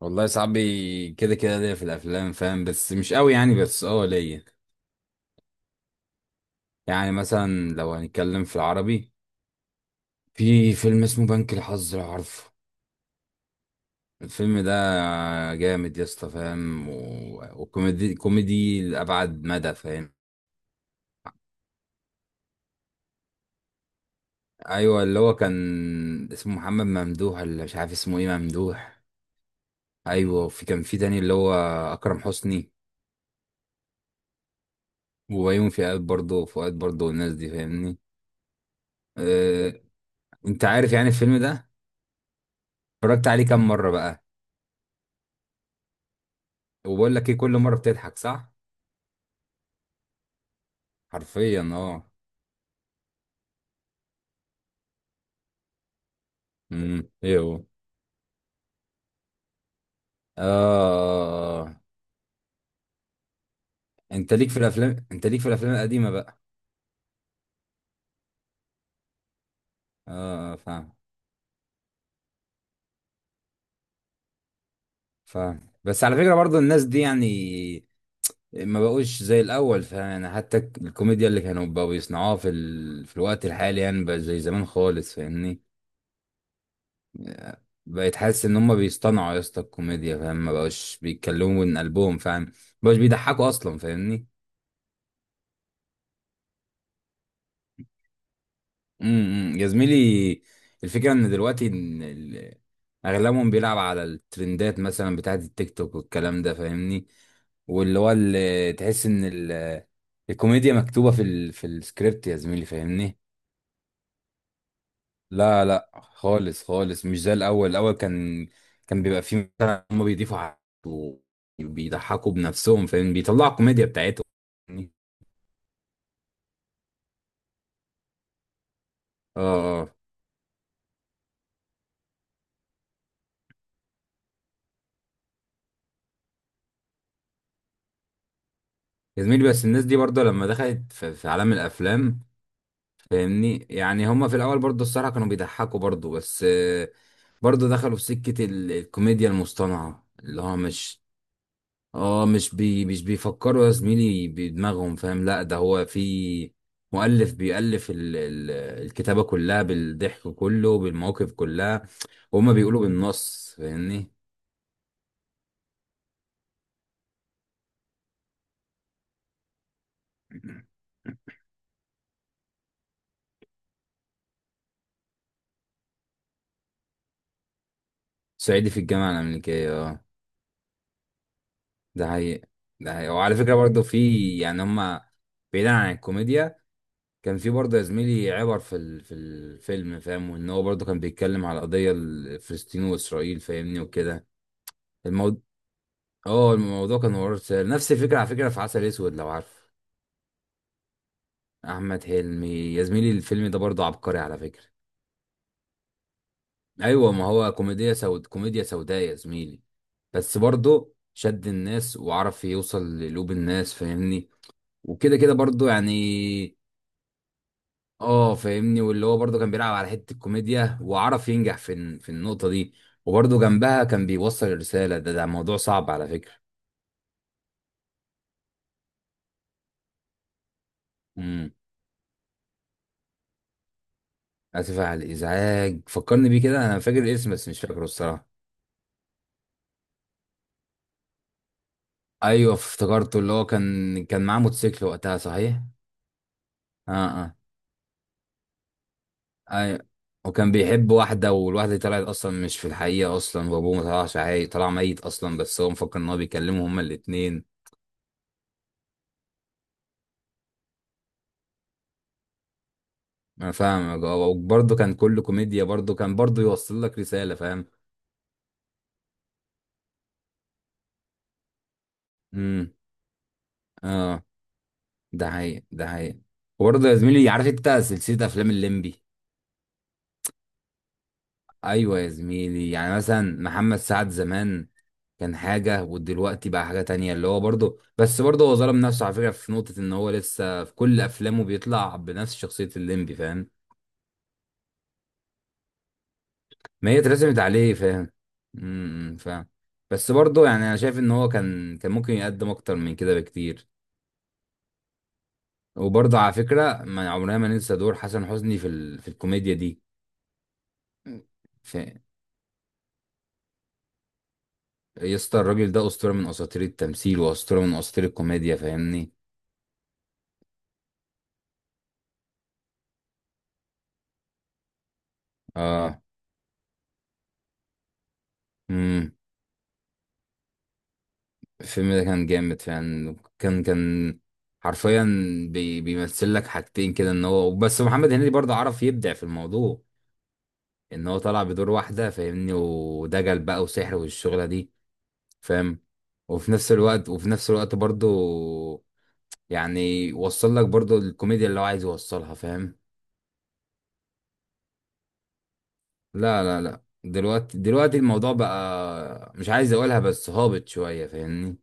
والله صاحبي كده كده ليا في الافلام فاهم، بس مش قوي يعني، بس اه ليا. يعني مثلا لو هنتكلم في العربي، في فيلم اسمه بنك الحظ لو عارفه. الفيلم ده جامد يا اسطى فاهم، وكوميدي كوميدي لابعد مدى فاهم. ايوه اللي هو كان اسمه محمد ممدوح، اللي مش عارف اسمه ايه ممدوح. ايوه، وفي كان في تاني اللي هو اكرم حسني وبيومي فؤاد، برضه فؤاد برضه، والناس دي فاهمني. أه... انت عارف يعني الفيلم ده. اتفرجت عليه كام مرة بقى. وبقول لك ايه، كل مره بتضحك صح. حرفيا اه. ايه هو؟ اه. انت ليك في الافلام، انت ليك في الافلام القديمه بقى. اه فاهم. فاهم، بس على فكره برضو الناس دي يعني ما بقوش زي الاول فاهم، يعني حتى الكوميديا اللي كانوا بقوا بيصنعوها في الوقت الحالي يعني بقى زي زمان خالص فاهمني. بقيت حاسس ان هم بيصطنعوا يا اسطى الكوميديا فاهم، ما بقوش بيتكلموا من قلبهم فاهم، ما بقوش بيضحكوا اصلا فاهمني. يا زميلي، الفكره ان دلوقتي اغلبهم بيلعب على الترندات مثلا بتاعت التيك توك والكلام ده فاهمني. واللي هو اللي تحس ان الكوميديا مكتوبه في السكريبت يا زميلي فاهمني. لا لا خالص خالص، مش زي الاول. الاول كان بيبقى فيه مثلا هم بيضيفوا حاجات وبيضحكوا بنفسهم فاهم، بيطلعوا الكوميديا بتاعتهم فاهمني؟ اه اه، يا زميلي بس الناس دي برضه لما دخلت في عالم الافلام فاهمني، يعني هما في الاول برضه الصراحه كانوا بيضحكوا برضه، بس برضه دخلوا في سكه الكوميديا المصطنعه اللي هو مش، اه، مش بيفكروا يا زميلي بدماغهم فاهم، لا ده هو في مؤلف بيألف ال الكتابه كلها بالضحك كله بالمواقف كلها، وهما بيقولوا بالنص فاهمني. صعيدي في الجامعه الامريكيه، اه. ده حقيقي، ده حقيقي. وعلى فكره برضه في، يعني هما، بعيدا عن الكوميديا، كان في برضه يا زميلي عبر في الفيلم فاهم، وان هو برضه كان بيتكلم على القضيه الفلسطين واسرائيل فاهمني وكده. الموضوع، اه الموضوع كان وراه رساله، نفس الفكره على فكره في عسل اسود لو عارف، احمد حلمي. يا زميلي الفيلم ده برضه عبقري على فكره. ايوه، ما هو كوميديا سود، كوميديا سوداء يا زميلي. بس برضه شد الناس وعرف يوصل لقلوب الناس فاهمني. وكده كده برضه يعني، اه فاهمني، واللي هو برضه كان بيلعب على حته الكوميديا وعرف ينجح في النقطه دي. وبرضه جنبها كان بيوصل الرساله، ده موضوع صعب على فكره. امم، اسف على الازعاج. فكرني بيه كده، انا فاكر الاسم بس مش فاكره الصراحه. ايوه افتكرته، اللي هو كان معاه موتوسيكل وقتها صحيح. اه اه، ايوه. وكان بيحب واحده، والواحده دي طلعت اصلا مش في الحقيقه اصلا، وابوه ما طلعش عاي، طلع ميت اصلا، بس هو مفكر ان هو بيكلمهم هما الاتنين. انا فاهمك اه، وبرضه كان كله كوميديا، برضه كان برضه يوصل لك رسالة فاهم. امم اه، ده حقيقي، ده حقيقي. وبرضه يا زميلي، عارف انت سلسلة افلام الليمبي؟ ايوه يا زميلي، يعني مثلا محمد سعد زمان كان حاجة، ودلوقتي بقى حاجة تانية، اللي هو برضه، بس برضه هو ظلم نفسه على فكرة في نقطة ان هو لسه في كل افلامه بيطلع بنفس شخصية الليمبي فاهم. ما هي اترسمت عليه فاهم. فاهم. بس برضه يعني انا شايف ان هو كان ممكن يقدم اكتر من كده بكتير. وبرضه على فكرة ما عمرنا ما ننسى دور حسن حسني في الكوميديا دي. في، يا اسطى الراجل ده أسطورة من أساطير التمثيل وأسطورة من أساطير الكوميديا فاهمني. اه امم. الفيلم ده كان جامد فعلا، كان حرفيا بيمثل لك حاجتين كده، ان هو بس محمد هنيدي برضه عرف يبدع في الموضوع، ان هو طلع بدور واحدة فاهمني، ودجل بقى وسحر والشغلة دي فاهم. وفي نفس الوقت، وفي نفس الوقت برضه يعني وصل لك برضو الكوميديا اللي هو عايز يوصلها فاهم. لا لا لا، دلوقتي الموضوع بقى مش عايز اقولها بس هابط شوية فاهمني.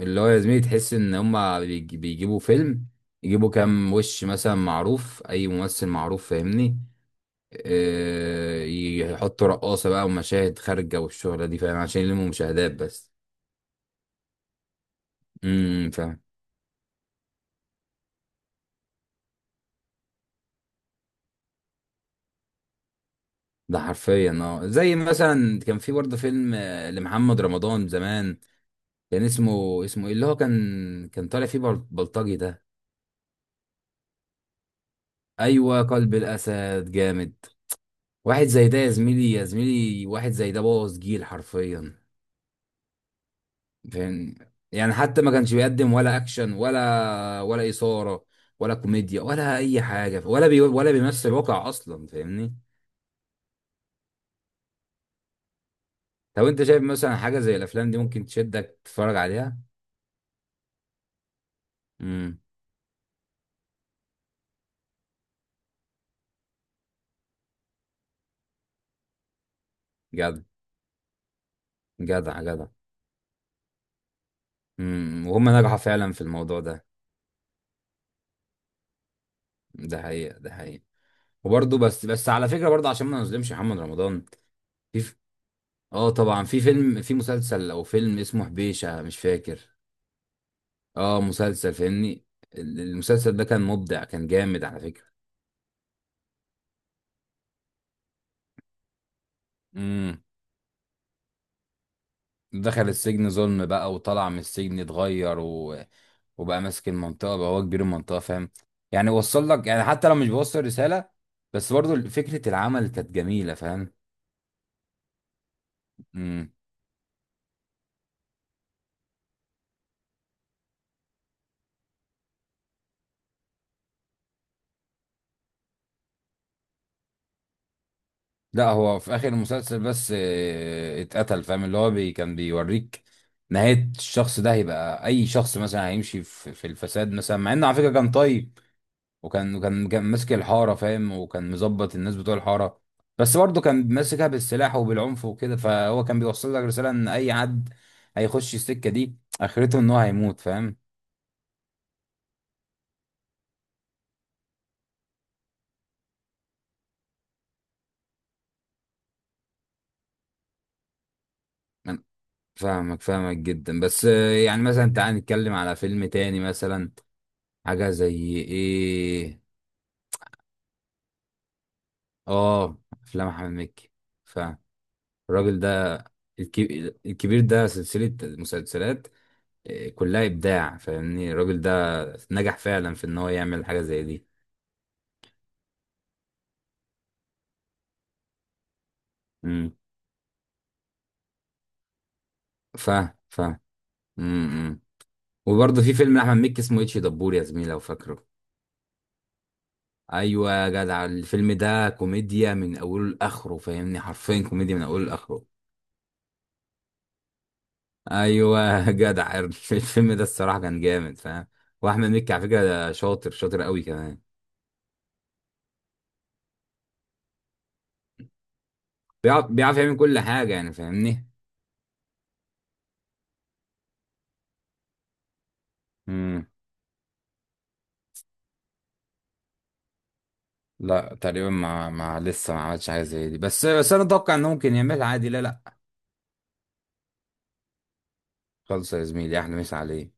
اللي هو يا زميلي تحس ان هما بيجيبوا فيلم، يجيبوا كام وش مثلا معروف، اي ممثل معروف فاهمني. يحطوا رقاصة بقى، ومشاهد خارجة والشغلة دي فاهم، عشان يلموا مشاهدات بس. فاهم. ده حرفيا اه، زي مثلا كان في برضه فيلم لمحمد رمضان زمان، كان اسمه ايه، اللي هو كان طالع فيه بلطجي ده. ايوه، قلب الاسد جامد. واحد زي ده يا زميلي، يا زميلي واحد زي ده بوظ جيل حرفيا فاهم. يعني حتى ما كانش بيقدم ولا اكشن، ولا اثاره، ولا كوميديا، ولا اي حاجه، ولا بيمثل واقع اصلا فاهمني. طب انت شايف مثلا حاجه زي الافلام دي ممكن تشدك تتفرج عليها؟ امم. جدع جدع جدع. وهم نجحوا فعلا في الموضوع ده. ده حقيقه، ده حقيقه. وبرضه بس على فكره برضه عشان ما نظلمش محمد رمضان، في ف... اه طبعا في فيلم، في مسلسل او فيلم اسمه حبيشه مش فاكر. اه مسلسل فاهمني. المسلسل ده كان مبدع، كان جامد على فكره. امم. دخل السجن ظلم بقى، وطلع من السجن اتغير وبقى ماسك المنطقه بقى، هو كبير المنطقه فاهم. يعني وصل لك يعني، حتى لو مش بيوصل رساله بس برضه فكره العمل كانت جميله فاهم. مم. لا هو في اخر المسلسل بس اتقتل فاهم، اللي هو كان بيوريك نهاية الشخص ده، هيبقى اي شخص مثلا هيمشي في الفساد مثلا مع انه على فكرة كان طيب. وكان كان كان ماسك الحارة فاهم، وكان مظبط الناس بتوع الحارة، بس برضه كان ماسكها بالسلاح وبالعنف وكده، فهو كان بيوصل لك رسالة ان اي حد هيخش السكة دي اخرته ان هو هيموت فاهم. أنا فاهمك، فاهمك جدا بس يعني مثلا تعال نتكلم على فيلم تاني مثلا، حاجة زي ايه. اه افلام احمد مكي، فالراجل ده الكبير، الكبير ده سلسلة مسلسلات كلها ابداع فاهمني. الراجل ده نجح فعلا في ان هو يعمل حاجة زي دي. امم. ف ف امم. وبرضه في فيلم احمد مكي اسمه اتش دبور يا زميلي لو فاكره. ايوه يا جدع، الفيلم ده كوميديا من اوله لاخره فاهمني، حرفيا كوميديا من اوله لاخره. ايوه يا جدع الفيلم ده الصراحة كان جامد فاهم. واحمد مكي على فكرة ده شاطر شاطر قوي كمان، بيعرف يعمل كل حاجة يعني فاهمني. امم. لا تقريبا ما ما لسه ما عملش حاجه زي دي، بس انا اتوقع انه ممكن يعملها عادي. لا لا. خلص يا زميلي احنا مش عليه.